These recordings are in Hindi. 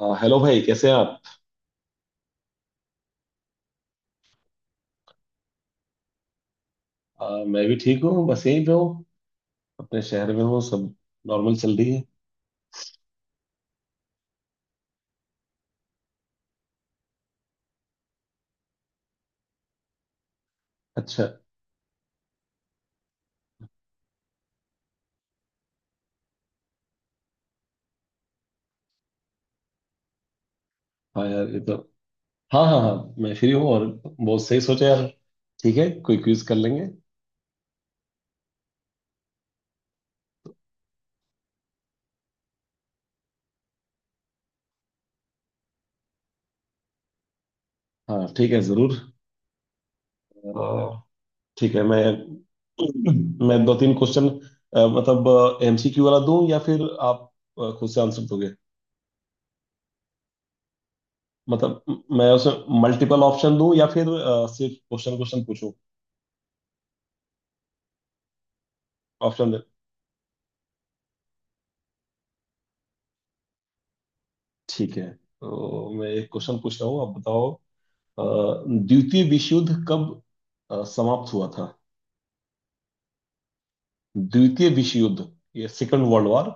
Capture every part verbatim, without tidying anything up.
आ, हेलो भाई, कैसे हैं आप। आ, मैं भी ठीक हूँ, बस यहीं पे हूँ। अपने शहर में हूँ, सब नॉर्मल चल रही है। अच्छा। हाँ यार, ये तो। हाँ हाँ हाँ। मैं फ्री हूँ, और बहुत सही सोचा यार। ठीक है, कोई क्विज कर लेंगे। हाँ ठीक है जरूर। आ, ठीक है मैं। मैं दो तीन क्वेश्चन। मतलब एमसीक्यू वाला दूं या फिर आप आ, खुद से आंसर दोगे। मतलब म- मैं उसमें मल्टीपल ऑप्शन दूं, या फिर आ, सिर्फ क्वेश्चन क्वेश्चन पूछूं। ऑप्शन दे। ठीक है, तो मैं एक क्वेश्चन पूछ रहा हूँ, आप बताओ। अ, द्वितीय विश्व युद्ध कब अ, समाप्त हुआ था। द्वितीय विश्व युद्ध, ये सेकंड वर्ल्ड वॉर,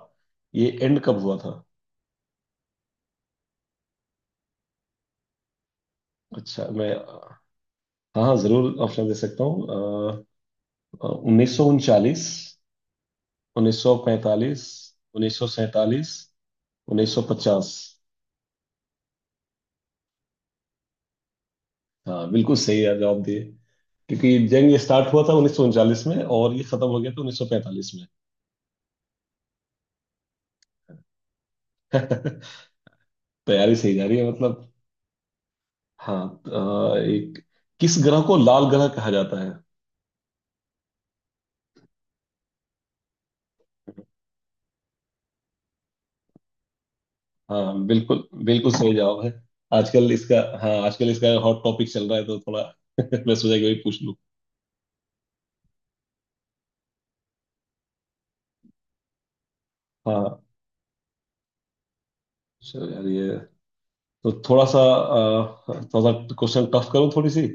ये एंड कब हुआ था। अच्छा मैं। हाँ हाँ, जरूर ऑप्शन दे सकता हूँ। उन्नीस सौ उनचालीस, उन्नीस सौ पैंतालीस, उन्नीस सौ सैंतालीस, उन्नीस सौ पचास। हाँ बिल्कुल सही है, जवाब दिए। क्योंकि जंग ये स्टार्ट हुआ था उन्नीस सौ उनचालीस में, और ये खत्म हो गया था उन्नीस सौ पैंतालीस में। तैयारी सही जा रही है मतलब। हाँ, अ, एक, किस ग्रह को लाल ग्रह कहा जाता है। हाँ, बिल्कुल बिल्कुल सही जवाब है। आजकल इसका। हाँ, आजकल इसका हॉट टॉपिक चल रहा है, तो थोड़ा। मैं सोचा कि वही पूछ लूँ। हाँ, चलो यार ये तो। थोड़ा सा, अ, थोड़ा सा क्वेश्चन टफ करूँ थोड़ी सी।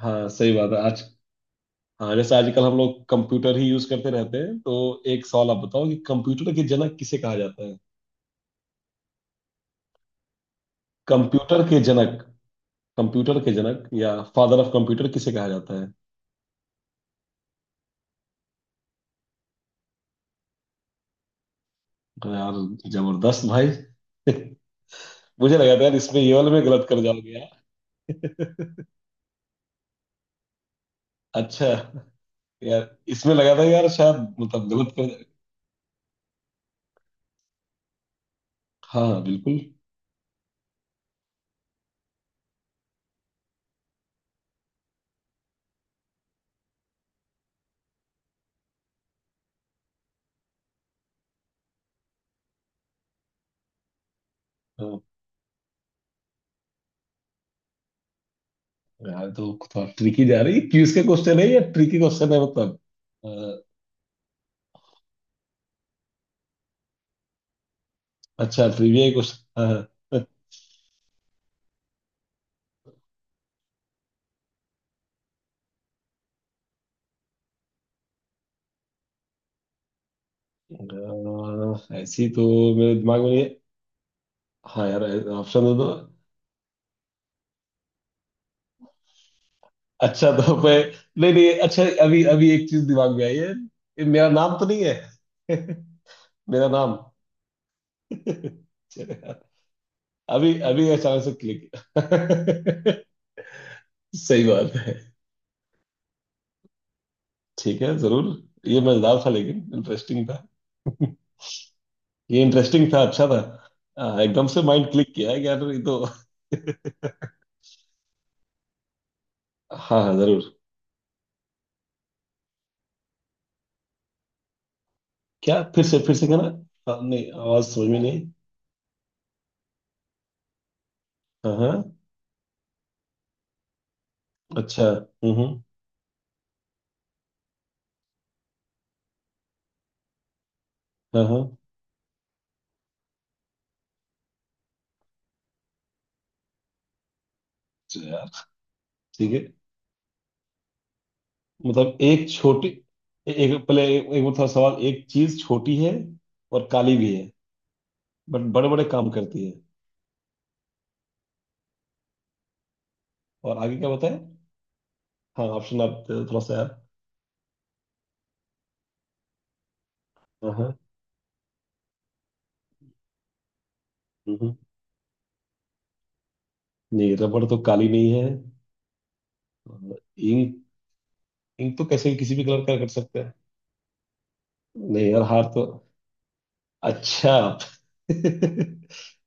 हाँ सही बात है आज। हाँ, जैसे आजकल हम लोग कंप्यूटर ही यूज करते रहते हैं, तो एक सवाल आप बताओ, कि कंप्यूटर के जनक किसे कहा जाता है। कंप्यूटर के जनक, कंप्यूटर के जनक या फादर ऑफ कंप्यूटर किसे कहा जाता है। अरे यार, जबरदस्त भाई। मुझे लगा था यार, इसमें ये वाले में गलत कर जाओगे। अच्छा। यार इसमें लगा था यार, शायद मतलब गलत कर। हाँ हाँ, बिल्कुल। हाँ, यार तो थोड़ा ट्रिकी जा रही है, क्यूज के क्वेश्चन है या ट्रिकी क्वेश्चन है मतलब। अ, अच्छा, ट्रिविया क्वेश्चन, हाँ। हाँ। अ, ऐसी तो मेरे दिमाग में नहीं है। हाँ यार, ऑप्शन दे दो। अच्छा तो मैं, नहीं नहीं, अच्छा अभी अभी एक चीज दिमाग में आई है, ये मेरा नाम तो नहीं है। मेरा नाम। चलो यार, अभी अभी अचानक से क्लिक। सही बात है। ठीक है जरूर। ये मजेदार था, लेकिन इंटरेस्टिंग था। ये इंटरेस्टिंग था, अच्छा था। आ, एकदम से माइंड क्लिक किया है, कि यार ये तो। हाँ हाँ जरूर। क्या, फिर से फिर से कहना। हाँ, नहीं आवाज समझ में नहीं। हाँ हाँ। अच्छा। हम्म हम्म। हाँ हाँ। अच्छा यार, ठीक है। मतलब एक छोटी, ए- एक पहले एक, एक मतलब सवाल, एक चीज छोटी है, और काली भी है, बट बड़े बड़े काम करती है, और आगे क्या बताए। हाँ ऑप्शन, आप थोड़ा सा यार। हाँ हाँ। हम्म, हम्म। नहीं, रबड़ तो काली नहीं है। इंक, इंक तो कैसे भी किसी भी कलर का कर सकते हैं। नहीं यार, हार तो। अच्छा।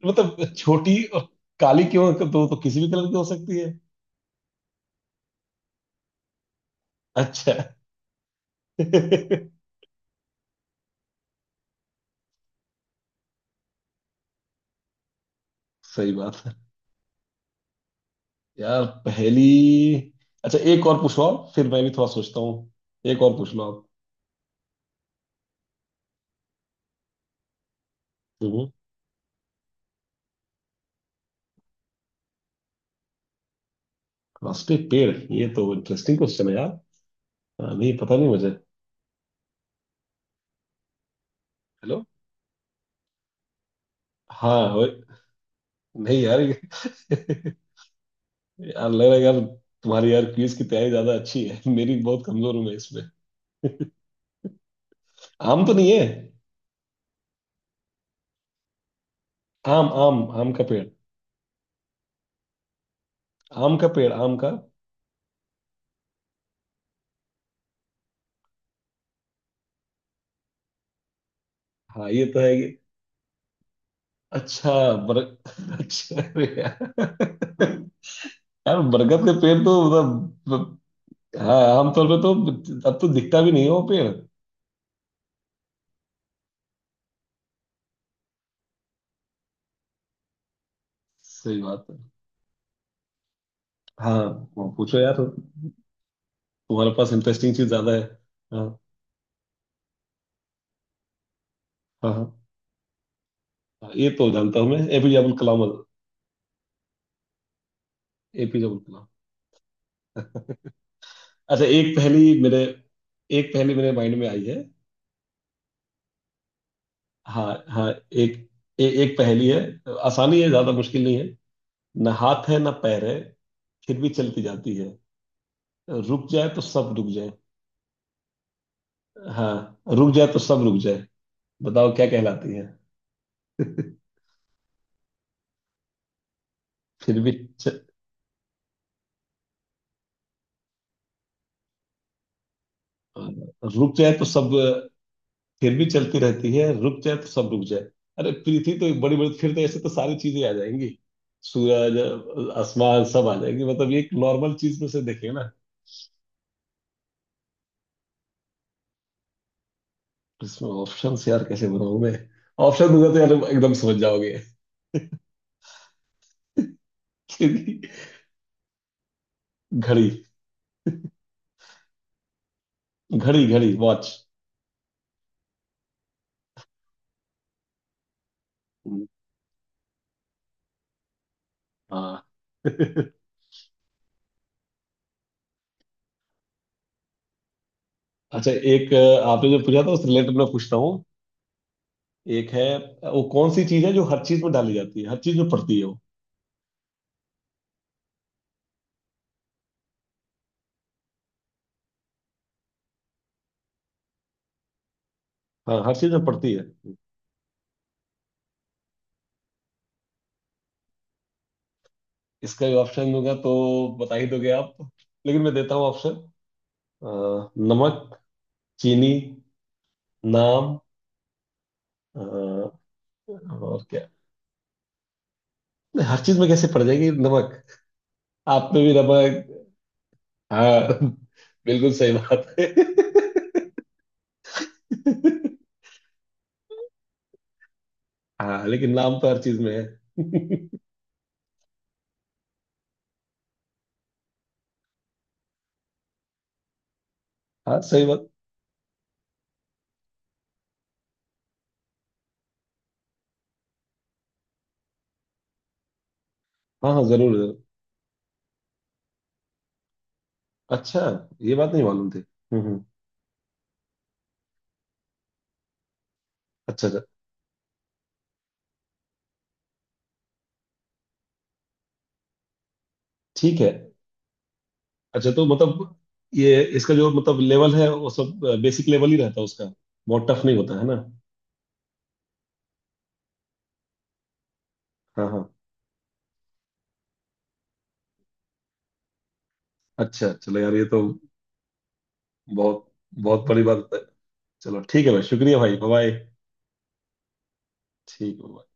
मतलब छोटी और काली क्यों, तो, तो किसी भी कलर की हो सकती है। अच्छा। सही बात है। यार पहली। अच्छा, एक और पूछ लो आप, फिर मैं भी थोड़ा सोचता हूँ। एक और पूछ लो आप। हम्म, रास्ते पेड़, ये तो इंटरेस्टिंग क्वेश्चन है यार। हाँ, नहीं पता नहीं मुझे। हेलो। हाँ हो। नहीं यार ये- यार लग रहा है यार, तुम्हारी यार क्विज की तैयारी ज्यादा अच्छी है। मेरी बहुत कमजोर हूँ मैं। आम तो नहीं है। आम आम आम का पेड़, आम का पेड़, आम का। हाँ ये तो है ये। अच्छा। बर अच्छा अरे यार। यार बरगद का पेड़ तो मतलब मतलब, हाँ आमतौर पे तो, अब तो दिखता भी नहीं है वो पेड़। सही बात है। हाँ, वो पूछो यार, तुम्हारे पास इंटरेस्टिंग चीज ज्यादा है। हाँ हाँ। हाँ हाँ, ये तो जानता हूँ मैं, एपीजे अब्दुल कलाम। एपीजे अब्दुल कलाम। अच्छा एक पहेली मेरे, एक पहेली मेरे माइंड में आई है। हाँ हाँ, एक, ए, एक पहेली है, आसानी है, ज्यादा मुश्किल नहीं है। ना हाथ है ना पैर है, फिर भी चलती जाती है, रुक जाए तो सब रुक जाए। हाँ, रुक जाए तो सब रुक जाए। बताओ क्या कहलाती है। फिर भी च... रुक जाए तो सब, फिर भी चलती रहती है, रुक जाए तो सब रुक जाए। अरे पृथ्वी तो बड़ी बड़ी, फिर तो ऐसे तो सारी चीजें आ जाएंगी, सूरज, आसमान सब आ जाएंगे, मतलब ये एक नॉर्मल चीज में से देखिए ना। इसमें ऑप्शन यार कैसे बनाऊं मैं, ऑप्शन दूंगा तो यार एकदम समझ जाओगे। घड़ी, घड़ी घड़ी, वॉच। हाँ। अच्छा, एक अ, आपने जो पूछा था उस रिलेटेड मैं पूछता हूँ। एक है, अ, वो कौन सी चीज है, जो हर चीज में डाली जाती है, हर चीज में पड़ती है वो। हाँ, हर चीज में पड़ती है। इसका भी ऑप्शन दूंगा तो बता ही दोगे आप, लेकिन मैं देता हूँ ऑप्शन। अ, नमक, चीनी, नाम, अ, और। क्या, नहीं, हर चीज में कैसे पड़ जाएगी नमक, आप में भी नमक। हाँ। बिल्कुल सही बात है। हाँ, लेकिन नाम तो हर चीज में है। हाँ सही बात। हाँ हाँ जरूर जरूर। अच्छा। ये बात नहीं मालूम थी। हम्म हम्म। अच्छा अच्छा। ठीक है। अच्छा तो मतलब, ये इसका जो मतलब लेवल है, वो सब बेसिक लेवल ही रहता है उसका। बहुत टफ नहीं होता है ना। हाँ हाँ। अच्छा चलो यार, ये तो बहुत, बहुत बड़ी बात है। चलो ठीक है भाई, शुक्रिया भाई, बाय। ठीक है bye।